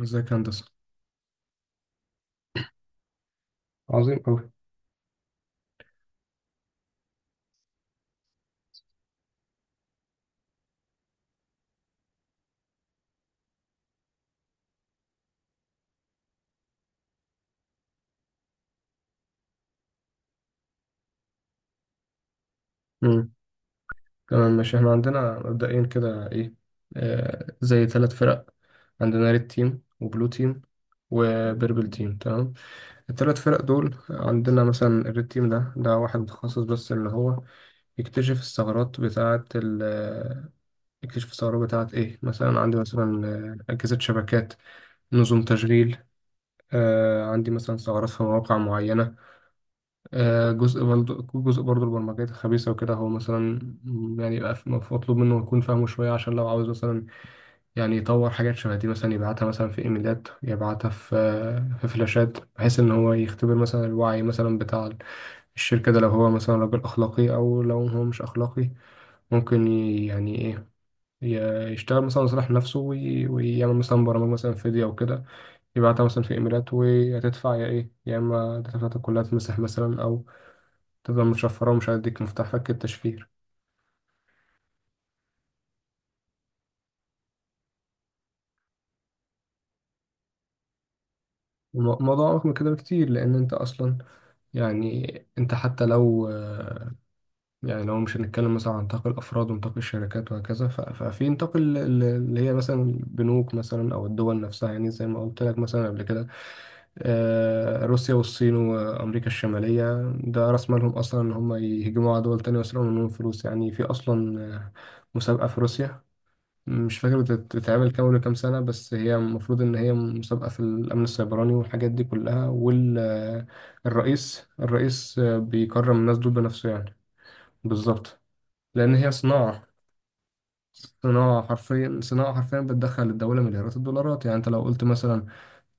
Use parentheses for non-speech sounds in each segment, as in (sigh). ازيك يا هندسة. عظيم أوي. مم. تمام، ماشي. احنا عندنا مبدئيا كده ايه، زي ثلاث فرق. عندنا ريد تيم وبلو تيم وبيربل تيم. تمام، الثلاث فرق دول عندنا مثلا الريد تيم ده واحد متخصص بس اللي هو يكتشف الثغرات بتاعة ال آه، يكتشف الثغرات بتاعة ايه، مثلا عندي مثلا أجهزة شبكات، نظم تشغيل، عندي مثلا ثغرات في مواقع معينة، جزء برضه البرمجيات الخبيثة وكده. هو مثلا يعني يبقى مطلوب منه يكون فاهمه شوية، عشان لو عاوز مثلا يعني يطور حاجات شبه دي، مثلا يبعتها مثلا في ايميلات، يبعتها في فلاشات، بحيث ان هو يختبر مثلا الوعي مثلا بتاع الشركة ده. لو هو مثلا راجل اخلاقي او لو هو مش اخلاقي، ممكن يعني ايه، يشتغل مثلا لصالح نفسه، ويعمل مثلا برامج مثلا فيديو او كده، يبعتها مثلا في ايميلات، وهتدفع يا ايه، يا اما داتا بتاعتك كلها تمسح مثلا، او تفضل مشفرة ومش هيديك مفتاح فك التشفير. الموضوع أعمق من كده بكتير، لأن أنت أصلا يعني أنت حتى لو يعني لو مش هنتكلم مثلا عن نطاق الأفراد ونطاق الشركات وهكذا، ففي نطاق اللي هي مثلا البنوك مثلا أو الدول نفسها، يعني زي ما قلت لك مثلا قبل كده، روسيا والصين وأمريكا الشمالية ده رأس مالهم أصلا إن هم يهجموا على دول تانية ويسرقوا منهم فلوس. يعني في أصلا مسابقة في روسيا، مش فاكر بتتعمل كام ولا كام سنة، بس هي المفروض إن هي مسابقة في الأمن السيبراني والحاجات دي كلها، والرئيس بيكرم الناس دول بنفسه يعني. بالظبط، لأن هي صناعة، صناعة حرفيا، صناعة حرفيا بتدخل الدولة مليارات الدولارات. يعني أنت لو قلت مثلا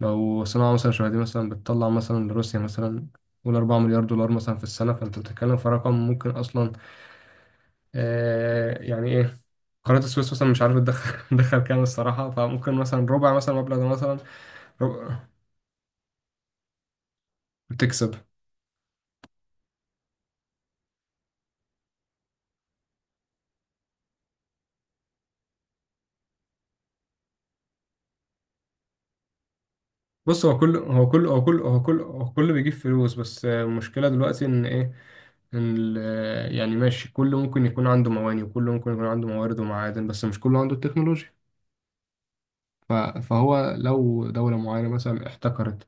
لو صناعة مثلا شبه دي مثلا بتطلع مثلا لروسيا مثلا، قول 4 مليار دولار مثلا في السنة، فأنت بتتكلم في رقم ممكن أصلا يعني إيه، قناة السويس مثلا مش عارف تدخل (laughs) تدخل كام الصراحة، فممكن مثلا ربع مثلا المبلغ ده مثلا. ربع تكسب. بص، هو كل هو كل هو كل هو كل هو كل بيجيب فلوس، بس المشكلة دلوقتي إن إيه، إن يعني ماشي، كل ممكن يكون عنده مواني، وكل ممكن يكون عنده موارد ومعادن، بس مش كله عنده التكنولوجيا. ف- فهو لو دولة معينة مثلا احتكرت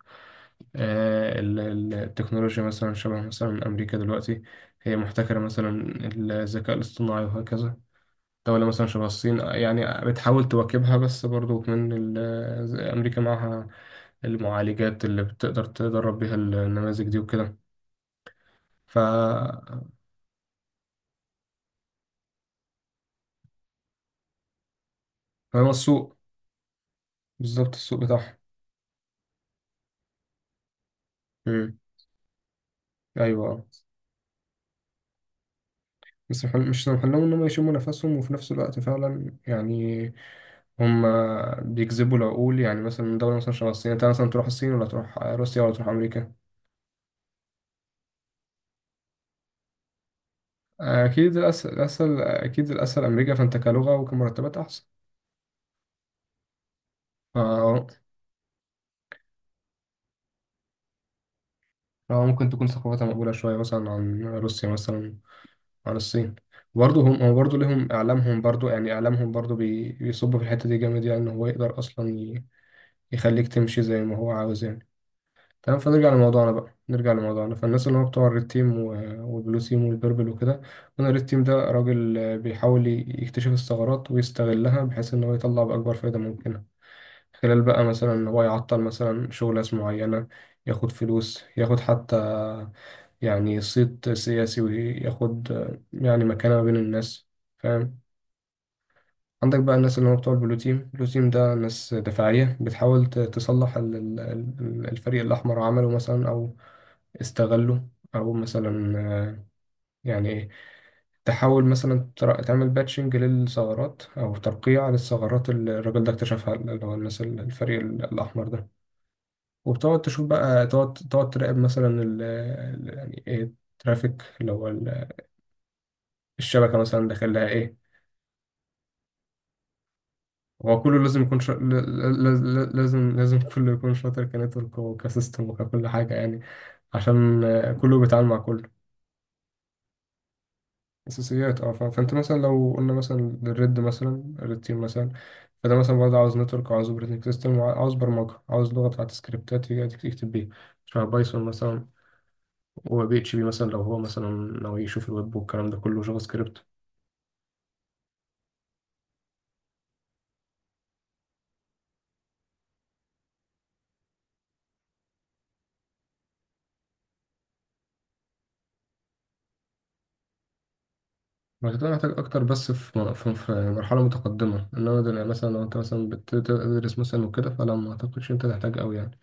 التكنولوجيا، مثلا شبه مثلا أمريكا دلوقتي هي محتكرة مثلا الذكاء الاصطناعي وهكذا. دولة مثلا شبه الصين يعني بتحاول تواكبها، بس برضو من أمريكا معاها المعالجات اللي بتقدر تدرب بيها النماذج دي وكده. ف فهو السوق، بالظبط السوق بتاعهم. مم. أيوة، بس مش سامح لهم إنهم يشموا نفسهم، وفي نفس الوقت فعلا يعني هم بيجذبوا العقول. يعني مثلا دولة مثلا شبه الصين، أنت مثلا تروح الصين ولا تروح روسيا ولا تروح أمريكا؟ أكيد الأسهل، الأسهل أكيد الأسهل أمريكا. فأنت كلغة وكمرتبات أحسن. ف- اه، ممكن تكون ثقافتها مقبولة شوية مثلا عن روسيا مثلا، عن الصين. برضه هم، هو برضه ليهم إعلامهم برضه، يعني إعلامهم برضه بيصب في الحتة دي جامد، يعني إن هو يقدر أصلا يخليك تمشي زي ما هو عاوز يعني. تمام، فنرجع لموضوعنا بقى، نرجع لموضوعنا. فالناس اللي هو بتوع الريد تيم والبلو تيم والبيربل وكده، أنا الريد تيم ده راجل بيحاول يكتشف الثغرات ويستغلها، بحيث إن هو يطلع بأكبر فايدة ممكنة، خلال بقى مثلا إن هو يعطل مثلا شغل ناس معينة، ياخد فلوس، ياخد حتى يعني صيت سياسي، وياخد يعني مكانة ما بين الناس، فاهم. عندك بقى الناس اللي هم بتوع البلو تيم. البلو تيم ده ناس دفاعية بتحاول تصلح الفريق الأحمر عمله مثلا أو استغله، أو مثلا يعني إيه، تحاول مثلا تعمل باتشنج للثغرات أو ترقيع للثغرات اللي الراجل ده اكتشفها، اللي هو الناس الفريق الأحمر ده. وبتقعد تشوف بقى، تقعد تراقب مثلا يعني إيه الترافيك اللي هو الشبكة مثلا داخل لها إيه. هو كله لازم يكون شا... ل- ل- ل- لازم لازم كله يكون شاطر كنتورك وكسيستم وككل حاجة يعني، عشان كله بيتعامل مع كله. أساسيات، اه. فأنت مثلا لو قلنا مثلا الريد تيم مثلا، فده مثلا برضه عاوز نتورك، وعاوز اوبريتنج سيستم، وعاوز برمجة، عاوز لغة بتاعت سكريبتات يجي يكتب بيها، شبه بايثون مثلا، و بي اتش بي مثلا لو هو مثلا ناوي يشوف الويب، والكلام ده كله جافا سكريبت. هتبقى محتاج أكتر، بس في مرحلة متقدمة. إنما مثلا لو أنت مثلا بتدرس مثلا وكده فلا، ما أعتقدش أنت تحتاج أوي يعني.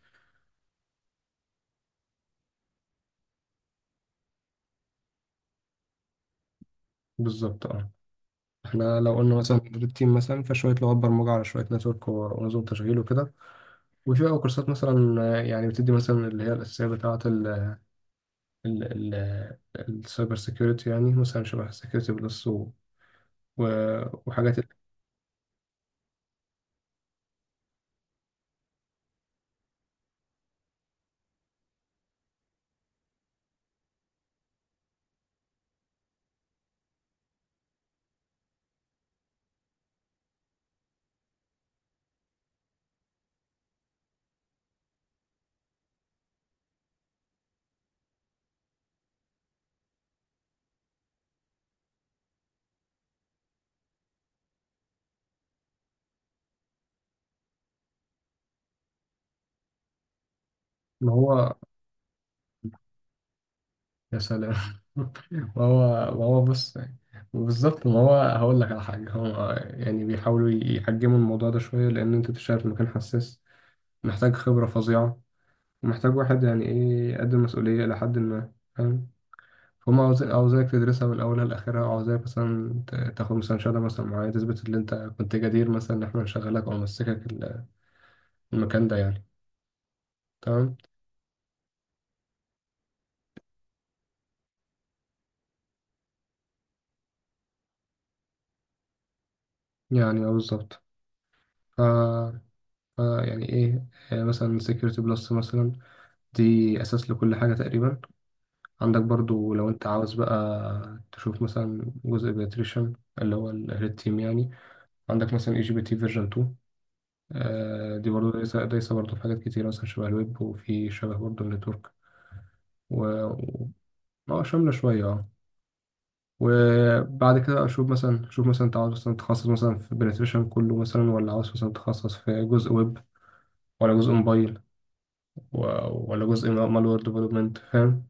بالظبط، أه. إحنا لو قلنا مثلا تدريب تيم مثلا، فشوية لغات برمجة، على شوية نتورك ونظم تشغيل وكده. وفي بقى كورسات مثلا يعني بتدي مثلا اللي هي الأساسية بتاعة ال ال ال السايبر سيكيورتي، يعني مثلا شبه سيكيورتي بلس وحاجات. اللي هو يا سلام (laughs) وهو وهو بص، وبالظبط. ما هو هقول لك على حاجة، هو يعني بيحاولوا يحجموا الموضوع ده شوية، لأن أنت بتشتغل في مكان حساس، محتاج خبرة فظيعة، ومحتاج واحد يعني إيه، يقدم مسؤولية إلى حد ما، فاهم. فهم عاوزين، عاوزاك تدرسها من أولها لآخرها، وعاوزاك مثلا تاخد مثلا شهادة مثلا معينة تثبت إن أنت كنت جدير مثلا إن إحنا نشغلك أو نمسكك المكان ده يعني. تمام، يعني أه، بالظبط. ف... ف يعني إيه، مثلا سكيورتي بلس مثلا، دي أساس لكل حاجة تقريبا. عندك برضو لو أنت عاوز بقى تشوف مثلا جزء بيتريشن، اللي هو الريد تيم يعني، عندك مثلا اي جي بي تي فيرجن 2. دي برضو دايسة برضو في حاجات كتير، مثلا شبه الويب، وفي شبه برضو النتورك و و- اه، شاملة شوية اه. وبعد كده أشوف مثلا، شوف مثلا أنت عاوز مثلا تتخصص مثلا في بنتريشن كله مثلا، ولا عاوز مثلا تتخصص في جزء ويب، ولا جزء موبايل، ولا جزء مالوير ديفلوبمنت، فاهم.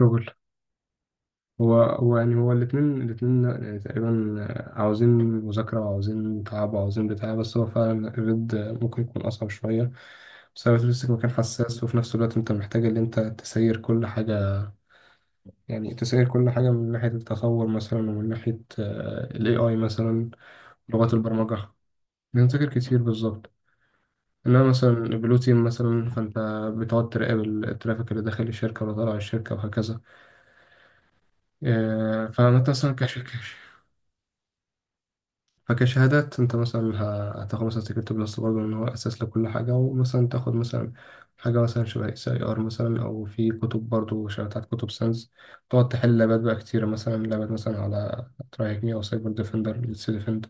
شغل، هو هو يعني هو الاتنين، الاتنين يعني تقريبا عاوزين مذاكرة، وعاوزين تعب، وعاوزين بتاع، بس هو فعلا الرد ممكن يكون أصعب شوية، بسبب تمسك مكان حساس، وفي نفس الوقت أنت محتاج إن أنت تسير كل حاجة، يعني تسير كل حاجة من ناحية التطور مثلا، ومن ناحية ال AI مثلا، لغات البرمجة. بنذاكر كتير بالظبط. إنما مثلا البلو تيم مثلا، فأنت بتقعد تراقب الترافيك اللي داخل الشركة ولا طالع الشركة وهكذا. فأنت مثلا كشركة، فكشهادات انت مثلا هتاخد مثلا سكيورتي بلس برضه، ان هو اساس لكل حاجه، ومثلا تاخد مثلا حاجه مثلا شبه اس اي ار مثلا، او في كتب برضه شبه بتاعت كتب ساينس. تقعد تحل لابات بقى كتيره، مثلا لابات مثلا على ترايك مي او سايبر ديفندر ليتس ديفند.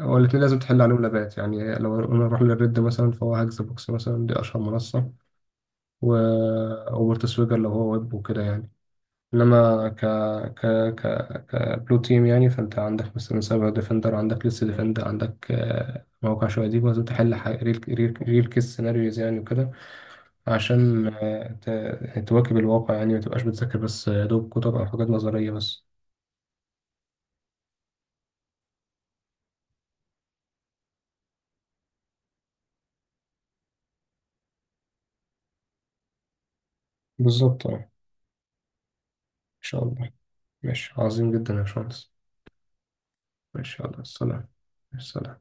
هو الاتنين لازم تحل عليهم لابات، يعني لو انا اروح للريد مثلا، فهو هاكس بوكس مثلا، دي اشهر منصه، و اوبرت سويجر لو هو ويب وكده يعني. انما ك ك ك كبلو تيم يعني، فانت عندك مثلا سايبر ديفندر، عندك لسه ديفندر، عندك موقع شويه دي، لازم تحل ريل كيس سيناريوز يعني وكده، عشان يعني تواكب الواقع يعني، ما تبقاش بتذاكر بس يا دوب كتب او حاجات نظريه بس. بالظبط، اه. ان شاء الله. ماشي، عظيم جدا يا باشمهندس. ماشي، يلا السلام. السلام.